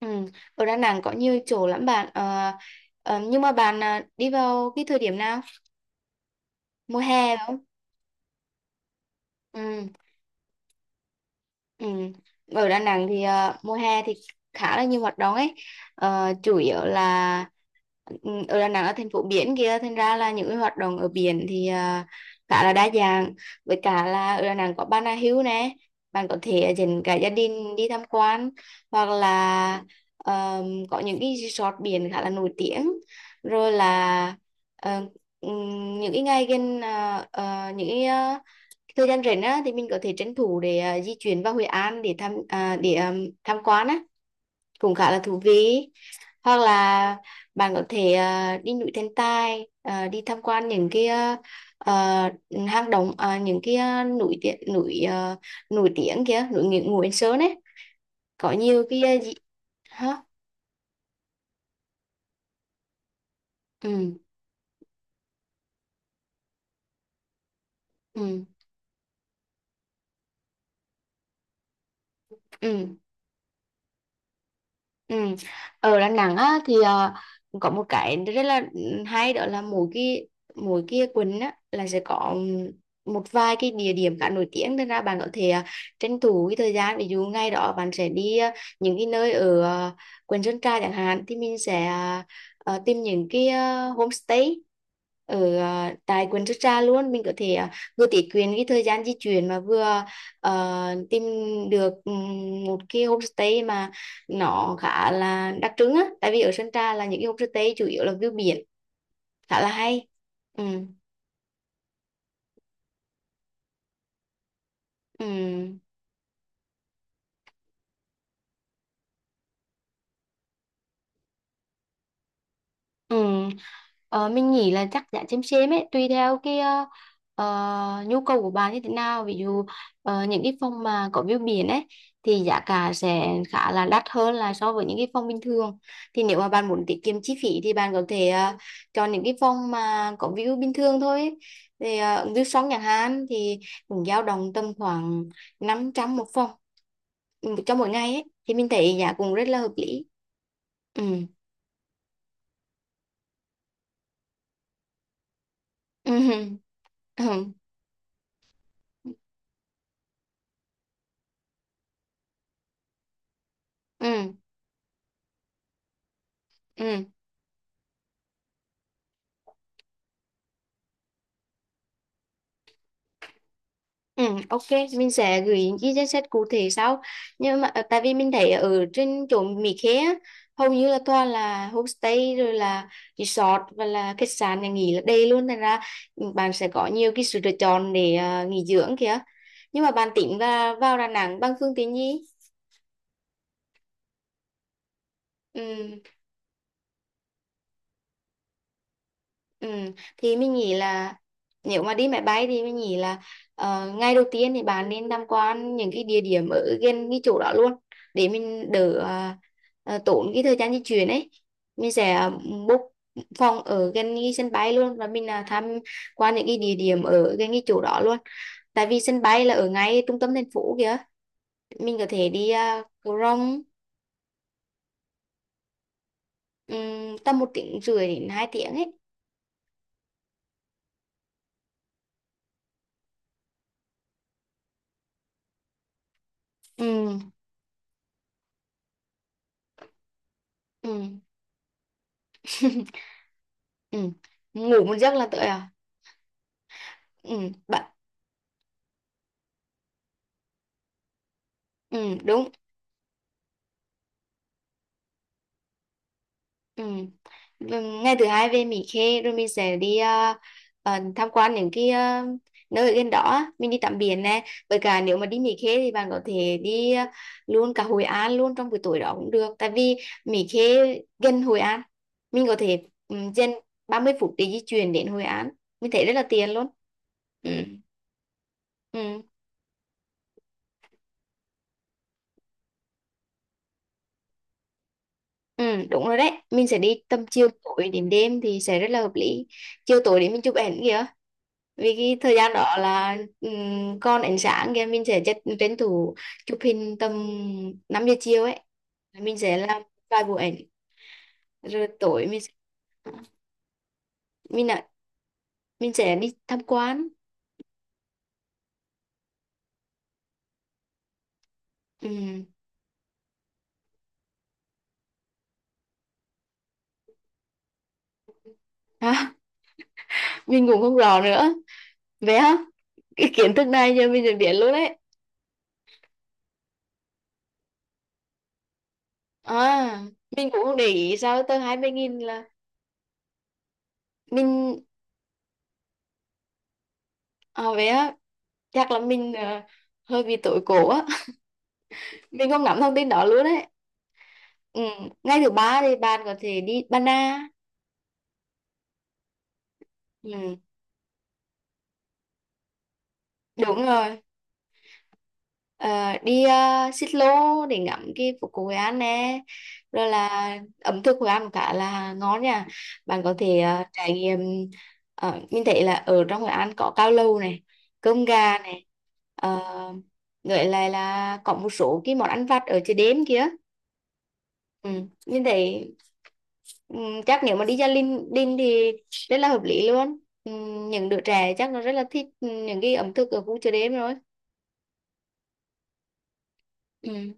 Ừ. Ở Đà Nẵng có nhiều chỗ lắm bạn. Ờ, nhưng mà bạn đi vào cái thời điểm nào, mùa hè phải không? Ừ. Ừ. Ở Đà Nẵng thì mùa hè thì khá là nhiều hoạt động ấy. Chủ yếu là, ở Đà Nẵng là thành phố biển kia, thành ra là những cái hoạt động ở biển thì khá là đa dạng, với cả là ở Đà Nẵng có Bà Nà Hills nè, bạn có thể dẫn cả gia đình đi tham quan, hoặc là có những cái resort biển khá là nổi tiếng, rồi là ờ, những cái ngày gần, những cái thời gian rảnh á, thì mình có thể tranh thủ để di chuyển vào Hội An để tham à, để à, tham quan á, cũng khá là thú vị. Hoặc là bạn có thể đi núi Thần Tài, đi tham quan những cái à, hang động, những cái núi tiếng núi nổi tiếng kia, núi Ngũ Ngũ Yên Sơn ấy, có nhiều cái gì. Hả? Ừ. Ừ. Ừ. Ừ. Ở Đà Nẵng á, thì có một cái rất là hay, đó là mỗi cái quận á, là sẽ có một vài cái địa điểm khá nổi tiếng, nên ra bạn có thể tranh thủ cái thời gian. Ví dụ ngày đó bạn sẽ đi những cái nơi ở quận Sơn Trà chẳng hạn, thì mình sẽ tìm những cái homestay ở tại quận Sơn Trà luôn. Mình có thể vừa tiết kiệm cái thời gian di chuyển, mà vừa tìm được một cái homestay mà nó khá là đặc trưng á, tại vì ở Sơn Trà là những cái homestay chủ yếu là view biển, khá là hay. Ừ. Ừ. Ừ. Mình nghĩ là chắc giá chêm chêm ấy, tùy theo cái nhu cầu của bạn như thế nào. Ví dụ những cái phòng mà có view biển ấy thì giá cả sẽ khá là đắt hơn là so với những cái phòng bình thường. Thì nếu mà bạn muốn tiết kiệm chi phí thì bạn có thể chọn những cái phòng mà có view bình thường thôi ấy. Thì view sông nhà Hàn thì cũng dao động tầm khoảng 500 một phòng, cho mỗi ngày ấy, thì mình thấy giá cũng rất là hợp lý. Ừ. Ừ. Ừ. Ừ, ok, mình sẽ gửi những cái danh sách cụ thể sau. Nhưng mà tại vì mình thấy ở trên chỗ Mỹ Khê á, hầu như là toàn là homestay, rồi là resort, và là khách sạn nhà nghỉ là đầy luôn. Thành ra bạn sẽ có nhiều cái sự lựa chọn để nghỉ dưỡng kìa. Nhưng mà bạn tính là vào Đà Nẵng bằng phương tiện gì? Ừ. Ừ, thì mình nghĩ là nếu mà đi máy bay thì mình nghĩ là ngày đầu tiên thì bạn nên tham quan những cái địa điểm ở gần cái chỗ đó luôn, để mình đỡ tốn cái thời gian di chuyển ấy. Mình sẽ book phòng ở gần cái sân bay luôn, và mình là tham quan những cái địa điểm ở gần cái chỗ đó luôn, tại vì sân bay là ở ngay trung tâm thành phố kìa. Mình có thể đi, cầu Rồng. Tầm 1 tiếng rưỡi đến 2 tiếng ấy. Ừ. Ừ. Ừ. Ngủ một giấc là tới à. Ừ. Bạn. Ừ. Đúng. Ừ. Ừ, ngày thứ hai về Mỹ Khê rồi mình sẽ đi tham quan những cái nơi ở gần đó á. Mình đi tắm biển nè, với cả nếu mà đi Mỹ Khê thì bạn có thể đi luôn cả Hội An luôn trong buổi tối đó cũng được, tại vì Mỹ Khê gần Hội An. Mình có thể trên 30 phút để di chuyển đến Hội An, mình thấy rất là tiện luôn. Ừ. Ừ. Ừ, đúng rồi đấy. Mình sẽ đi tầm chiều tối đến đêm thì sẽ rất là hợp lý. Chiều tối để mình chụp ảnh kìa. Vì cái thời gian đó là, còn ánh sáng kìa, mình sẽ chất tranh thủ chụp hình tầm 5 giờ chiều ấy. Mình sẽ làm vài bộ ảnh rồi tối mình ạ mình sẽ đi tham quan. Ừm. À, mình cũng không rõ nữa. Vậy hả? Cái kiến thức này giờ mình sẽ biết luôn đấy. À, mình cũng không để ý sao tới 20.000 là mình. Vậy á, chắc là mình hơi bị tối cổ á. Mình không nắm thông tin đó luôn đấy. Ừ. Ngày thứ ba thì bạn có thể đi Ba Na. Ừ. Đúng rồi. Ờ, đi, xích lô để ngắm cái phố cổ Hội An nè, rồi là ẩm thực Hội An cũng khá là ngon nha, bạn có thể trải nghiệm. Mình thấy là ở trong Hội An có cao lầu này, cơm gà này, uh, lại là có một số cái món ăn vặt ở chợ đêm kia. Ừ. Mình thấy. Chắc nếu mà đi ra Linh Đinh thì rất là hợp lý luôn. Những đứa trẻ chắc nó rất là thích những cái ẩm thực ở khu chợ đêm rồi. Ừm,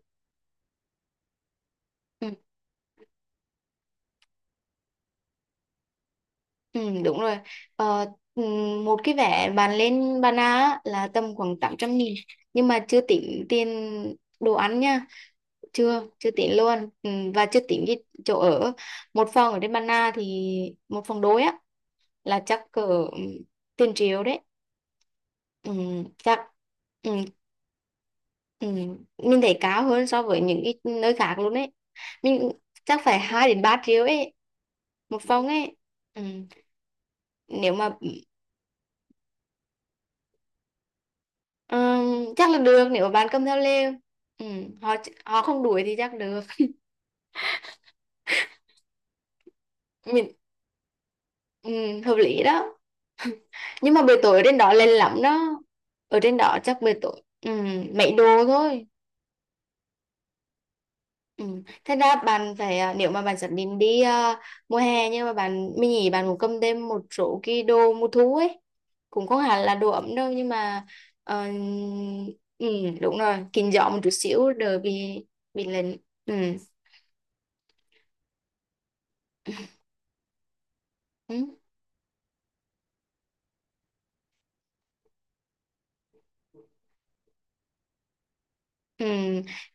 ừm, Đúng rồi. Ờ, Một cái vé bạn lên Bà Na á là tầm khoảng 800.000, nhưng mà chưa tính tiền đồ ăn nha. Chưa chưa tính luôn. Và chưa tính cái chỗ ở. Một phòng ở trên Bà Na thì một phòng đôi á là chắc cỡ, ừm, tiền triệu đấy. Chắc. Ừ. Ừ. Mình thấy cao hơn so với những cái nơi khác luôn ấy. Mình chắc phải 2 đến 3 triệu ấy, một phòng ấy. Ừ. Nếu mà, ừ, chắc là được nếu mà bạn cầm theo lều. Ừ. Họ họ không đuổi thì chắc được. Mình, ừ, hợp lý đó. Nhưng mà buổi tối ở trên đó lên lắm đó. Ở trên đó chắc buổi tối, mấy đồ thôi. Ừ. Thế ra bạn phải nếu mà bạn xác định đi mùa hè, nhưng mà bạn mình nghĩ bạn cũng cầm thêm một số cái đồ mùa thu ấy, cũng không hẳn là đồ ấm đâu, nhưng mà ờ, ừ, đúng rồi, kín gió một chút xíu đỡ bị lạnh. Ừ. Ừ. Ừ,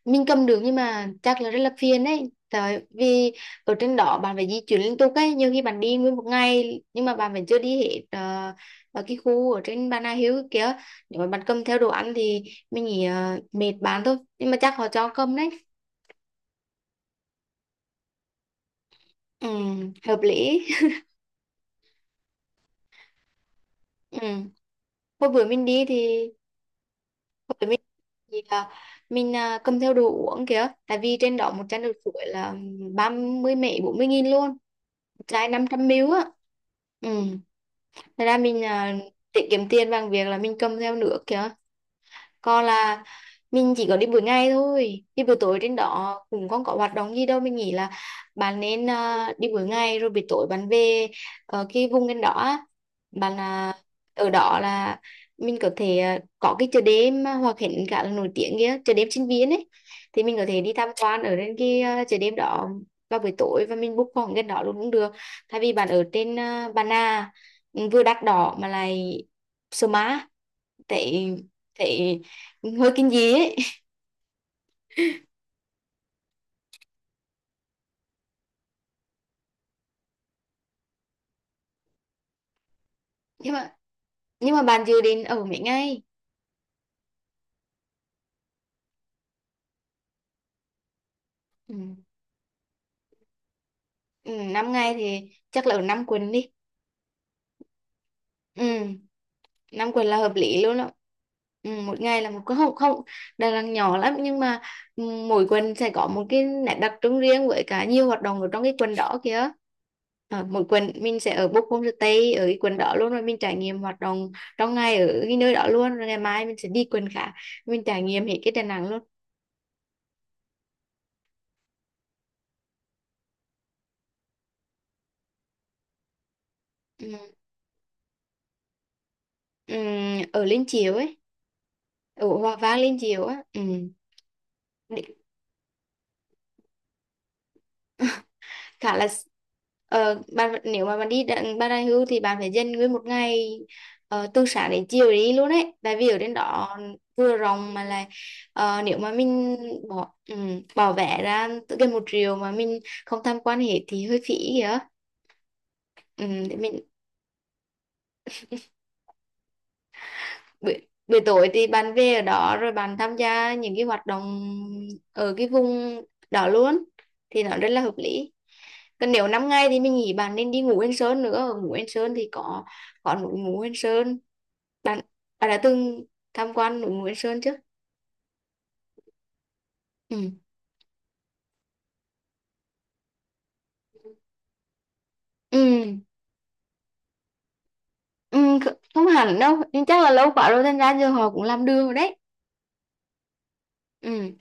mình cầm được nhưng mà chắc là rất là phiền đấy. Tại vì ở trên đó bạn phải di chuyển liên tục ấy, nhiều khi bạn đi nguyên một ngày nhưng mà bạn vẫn chưa đi hết ở cái khu ở trên Bà Nà Hills kia. Nếu mà bạn cầm theo đồ ăn thì mình nghĩ mệt bạn thôi. Nhưng mà chắc họ cho cầm đấy. Ừ, hợp lý. Ừ. Hồi bữa mình đi thì. Hồi bữa mình thì mình cầm theo đồ uống kìa. Tại vì trên đó một chai nước suối là 30 mấy 40 nghìn luôn, trái 500 ml á. Ừ. Thật ra mình tiết kiệm tiền bằng việc là mình cầm theo nước kìa, còn là mình chỉ có đi buổi ngày thôi, đi buổi tối trên đó cũng không có hoạt động gì đâu, mình nghĩ là bạn nên đi buổi ngày, rồi buổi tối bạn về ở cái vùng trên đó á. Bạn ở đó là mình có thể có cái chợ đêm Hòa Khánh khá là nổi tiếng kia, chợ đêm sinh viên ấy, thì mình có thể đi tham quan ở trên cái chợ đêm đó vào buổi tối, và mình book phòng gần đó luôn cũng được, thay vì bạn ở trên Bà Nà, vừa đắt đỏ mà lại Sơ má, tại tại hơi kinh dị ấy. Nhưng mà nhưng mà bạn dự định ở mấy ngày? Ừ. Ừ, 5 ngày thì chắc là ở năm quần đi. Ừ. Năm quần là hợp lý luôn đó. Ừ. Một ngày là một cái, không không. Đà Nẵng nhỏ lắm nhưng mà, mỗi quần sẽ có một cái nét đặc trưng riêng, với cả nhiều hoạt động ở trong cái quần đó kìa. Ờ, mỗi quần mình sẽ ở book homestay ở cái quần đó luôn, rồi mình trải nghiệm hoạt động trong ngày ở cái nơi đó luôn, rồi ngày mai mình sẽ đi quần khác, mình trải nghiệm hết cái Đà Nẵng luôn. Ừ. Ừm, Ở Liên Chiểu ấy, ở Hòa Vang, Liên Chiểu á. Đi- Khá là, bạn, nếu mà bạn đi đặng Bà Nà Hưu thì bạn phải dành nguyên một ngày từ sáng đến chiều để đi luôn ấy, tại vì ở trên đó vừa rộng mà lại nếu mà mình bỏ bỏ vé ra tự gần 1 triệu mà mình không tham quan hết thì hơi phí kìa. Để mình buổi tối thì bạn về ở đó rồi bạn tham gia những cái hoạt động ở cái vùng đó luôn thì nó rất là hợp lý. Còn nếu 5 ngày thì mình nghĩ bạn nên đi ngủ Yên Sơn nữa. Ngủ Yên Sơn thì có núi ngủ Yên Sơn. Bạn bạn đã từng tham quan núi ngủ Yên Sơn chưa? Ừ. Ừ. Ừ. Không hẳn đâu, nhưng chắc là lâu quá rồi thành ra giờ họ cũng làm đường rồi đấy. Ừ.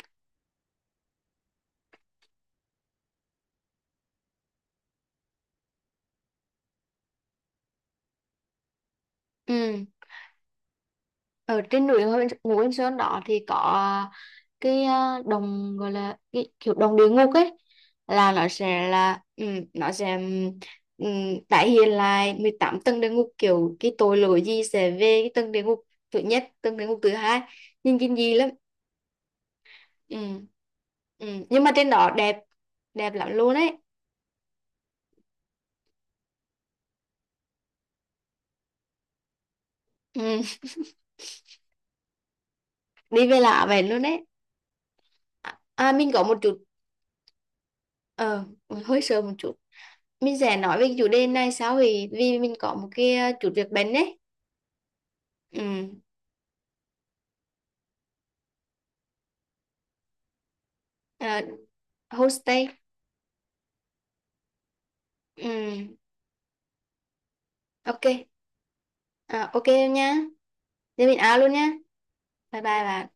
Ừ. Ở trên núi ngủ Yên Sơn đó thì có cái đồng, gọi là cái kiểu đồng địa ngục ấy, là nó sẽ là, nó sẽ um, tái hiện lại 18 tầng địa ngục, kiểu cái tội lỗi gì sẽ về cái tầng địa ngục thứ nhất, tầng địa ngục thứ hai, nhìn kinh dị lắm. Ừ. Ừ. Nhưng mà trên đó đẹp, đẹp lắm luôn ấy. Ừ. Đi về lạ vậy luôn đấy. À, mình có một chút ờ hơi sợ một chút. Mình sẽ nói về cái chủ đề này sau, vì vì mình có một cái chút việc bận đấy. Ừ. À, homestay. Ừ, ok. À, ok em nhá. Thế mình out luôn nhá. Bye bye bà.